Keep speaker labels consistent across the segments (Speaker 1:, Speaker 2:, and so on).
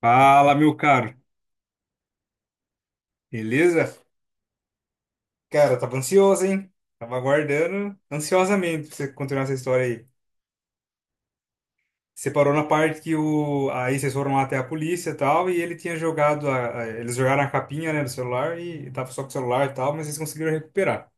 Speaker 1: Fala, meu caro. Beleza? Cara, tava ansioso, hein? Tava aguardando ansiosamente pra você continuar essa história aí. Você parou na parte que aí vocês foram lá até a polícia e tal, e ele tinha jogado eles jogaram a capinha, né, do celular e tava só com o celular e tal, mas vocês conseguiram recuperar.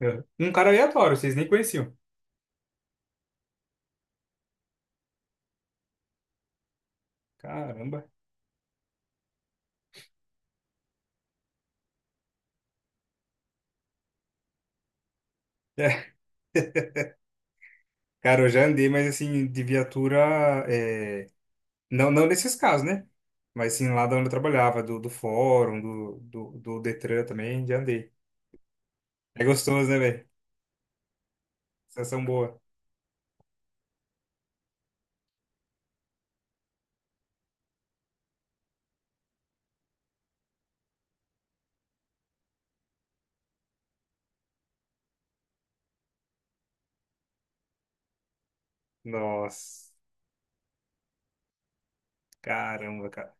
Speaker 1: É. Um cara aleatório, vocês nem conheciam. Caramba. É. Cara, eu já andei, mas assim, de viatura, é, não, não nesses casos, né? Mas sim, lá da onde eu trabalhava, do fórum, do Detran também, já andei. É gostoso, né, velho? Sensação boa. Nossa, caramba, cara.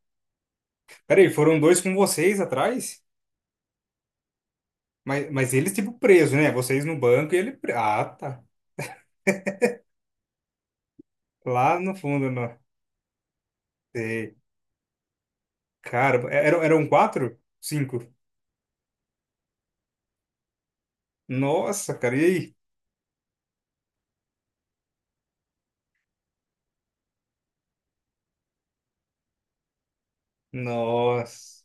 Speaker 1: Peraí, foram dois com vocês atrás? Mas eles, tipo, preso, né? Vocês no banco e ah, tá. Lá no fundo, não. Sei. Cara, eram quatro? Cinco? Nossa, cara, e aí? Nossa.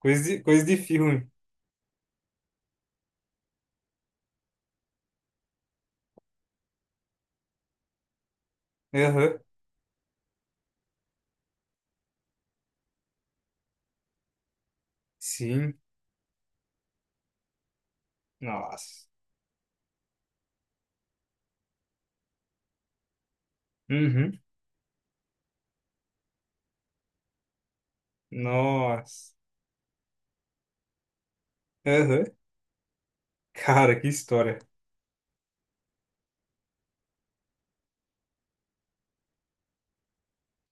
Speaker 1: Coisa de filme. Aham. Sim. Nossa. Uhum. Nossa. Aham. Cara, que história.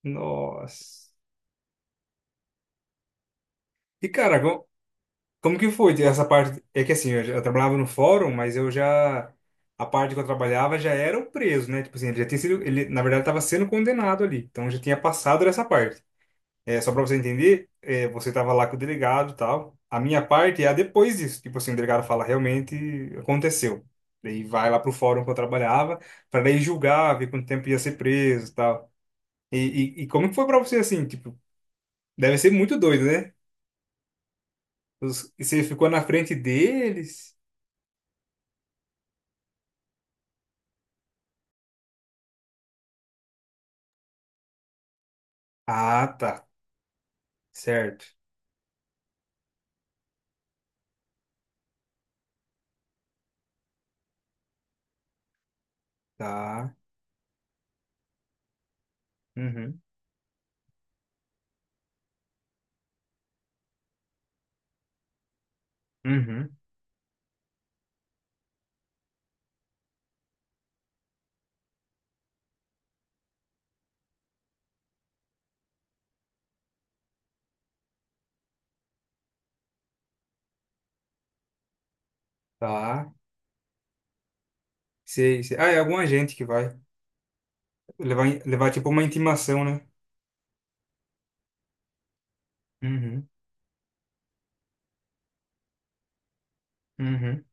Speaker 1: Nossa. E, cara, como que foi essa parte? É que assim, eu trabalhava no fórum, mas eu já. A parte que eu trabalhava já era o preso, né? Tipo assim, ele já tinha sido. Ele, na verdade, estava sendo condenado ali. Então já tinha passado dessa parte. É, só para você entender, é, você estava lá com o delegado e tal. A minha parte é a depois disso. Tipo assim, o delegado fala, realmente aconteceu. Daí vai lá pro fórum que eu trabalhava, para daí julgar, ver quanto tempo ia ser preso e tal. E, e como que foi para você assim? Tipo, deve ser muito doido, né? E você ficou na frente deles. Ah, tá. Certo. Tá. Uhum. Uhum. Tá. Sei, sei. Ah, é alguma gente que vai levar tipo uma intimação, né? Uhum. Uhum.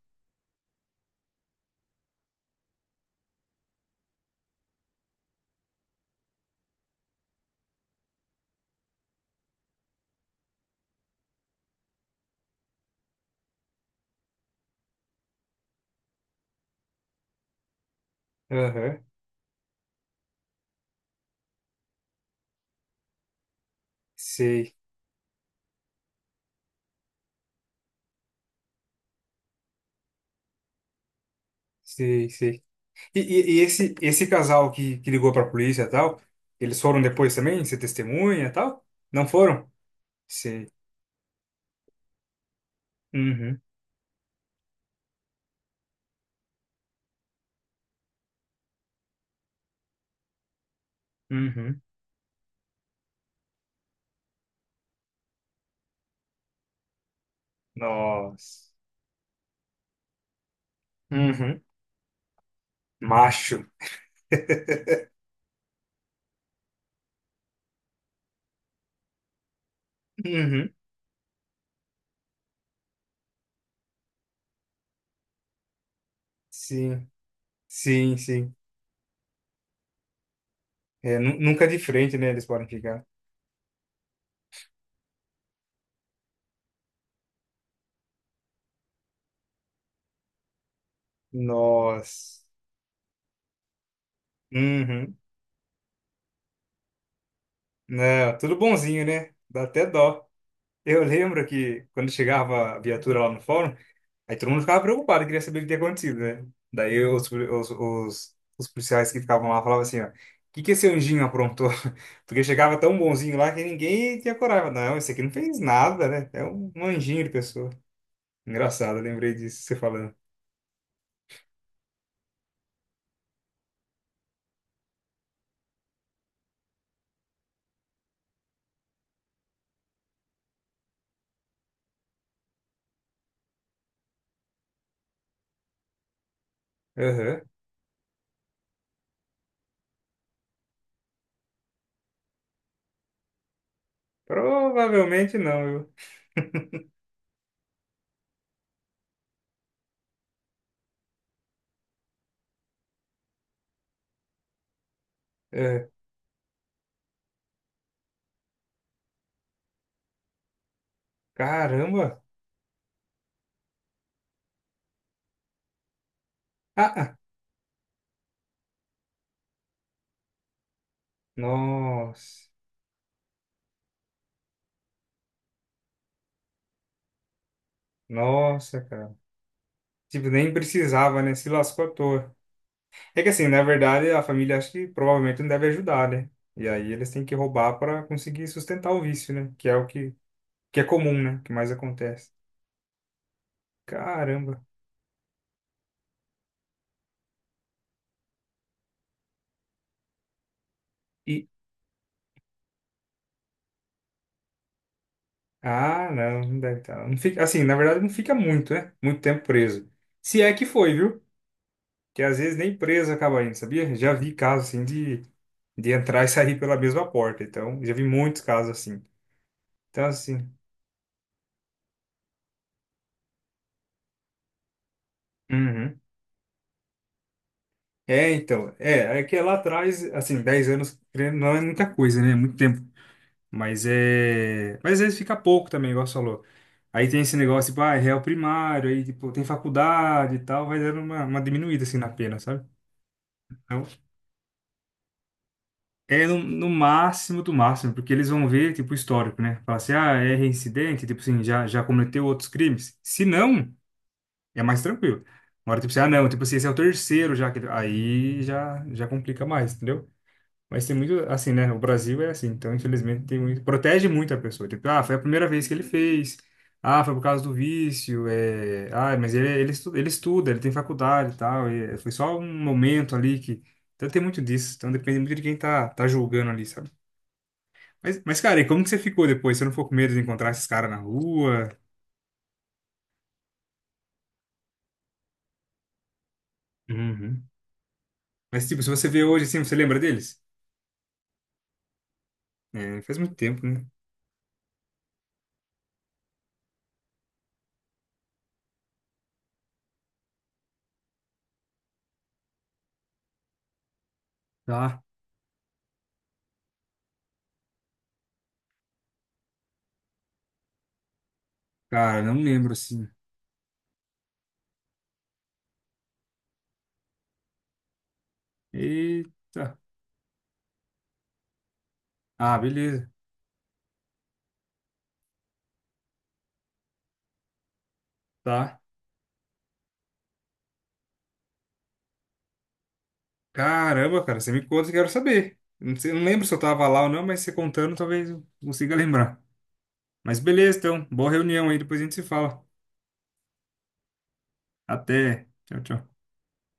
Speaker 1: Aham. Sei, sei, sei. E esse casal que ligou pra polícia e tal, eles foram depois também? Ser testemunha e tal? Não foram? Sei. Uhum. Uhum. Nossa. Uhum. Macho. Uhum. Sim, sim, sim. É, nunca de frente, né? Eles podem ficar. Nossa. Uhum. Não, tudo bonzinho, né? Dá até dó. Eu lembro que quando chegava a viatura lá no fórum, aí todo mundo ficava preocupado, queria saber o que tinha acontecido, né? Daí os policiais que ficavam lá falavam assim, ó, o que que esse anjinho aprontou? Porque chegava tão bonzinho lá que ninguém tinha coragem. Não, esse aqui não fez nada, né? É um anjinho de pessoa. Engraçado, eu lembrei disso, você falando. Aham. Provavelmente não, viu? É. Caramba. Ah, ah. Nossa. Nossa, cara. Tipo, nem precisava, né? Se lascou à toa. É que assim, na verdade, a família acha que provavelmente não deve ajudar, né? E aí eles têm que roubar para conseguir sustentar o vício, né? Que é o que, que é comum, né? Que mais acontece. Caramba. E ah, não, não deve estar. Não fica, assim, na verdade, não fica muito, né? Muito tempo preso. Se é que foi, viu? Que às vezes nem preso acaba indo, sabia? Já vi casos assim de entrar e sair pela mesma porta. Então, já vi muitos casos assim. Então, assim. Uhum. É, então, é que é lá atrás, assim, 10 anos querendo, não é muita coisa, né? É muito tempo. Mas é. Mas às vezes fica pouco também, igual você falou. Aí tem esse negócio, tipo, ah, é réu primário, aí, tipo, tem faculdade e tal, vai dando uma diminuída, assim, na pena, sabe? Então, é no máximo do máximo, porque eles vão ver, tipo, o histórico, né? Falar assim, ah, é reincidente, tipo assim, já cometeu outros crimes. Se não, é mais tranquilo. Agora, tipo assim, ah, não, tipo assim, esse é o terceiro já que. Aí já complica mais, entendeu? Mas tem muito, assim, né? O Brasil é assim, então infelizmente tem muito, protege muito a pessoa. Tipo, ah, foi a primeira vez que ele fez, ah, foi por causa do vício, ah, mas ele estuda, ele tem faculdade e tal, e foi só um momento ali que. Então tem muito disso, então depende muito de quem tá julgando ali, sabe? Mas, cara, e como que você ficou depois? Você não ficou com medo de encontrar esses caras na rua? Uhum. Mas, tipo, se você vê hoje assim, você lembra deles? É, faz muito tempo, né? Tá. Cara, não lembro assim. Eita. Ah, beleza. Tá. Caramba, cara, você me conta que eu quero saber. Não sei, não lembro se eu tava lá ou não, mas você contando talvez eu consiga lembrar. Mas beleza, então. Boa reunião aí, depois a gente se fala. Até. Tchau, tchau.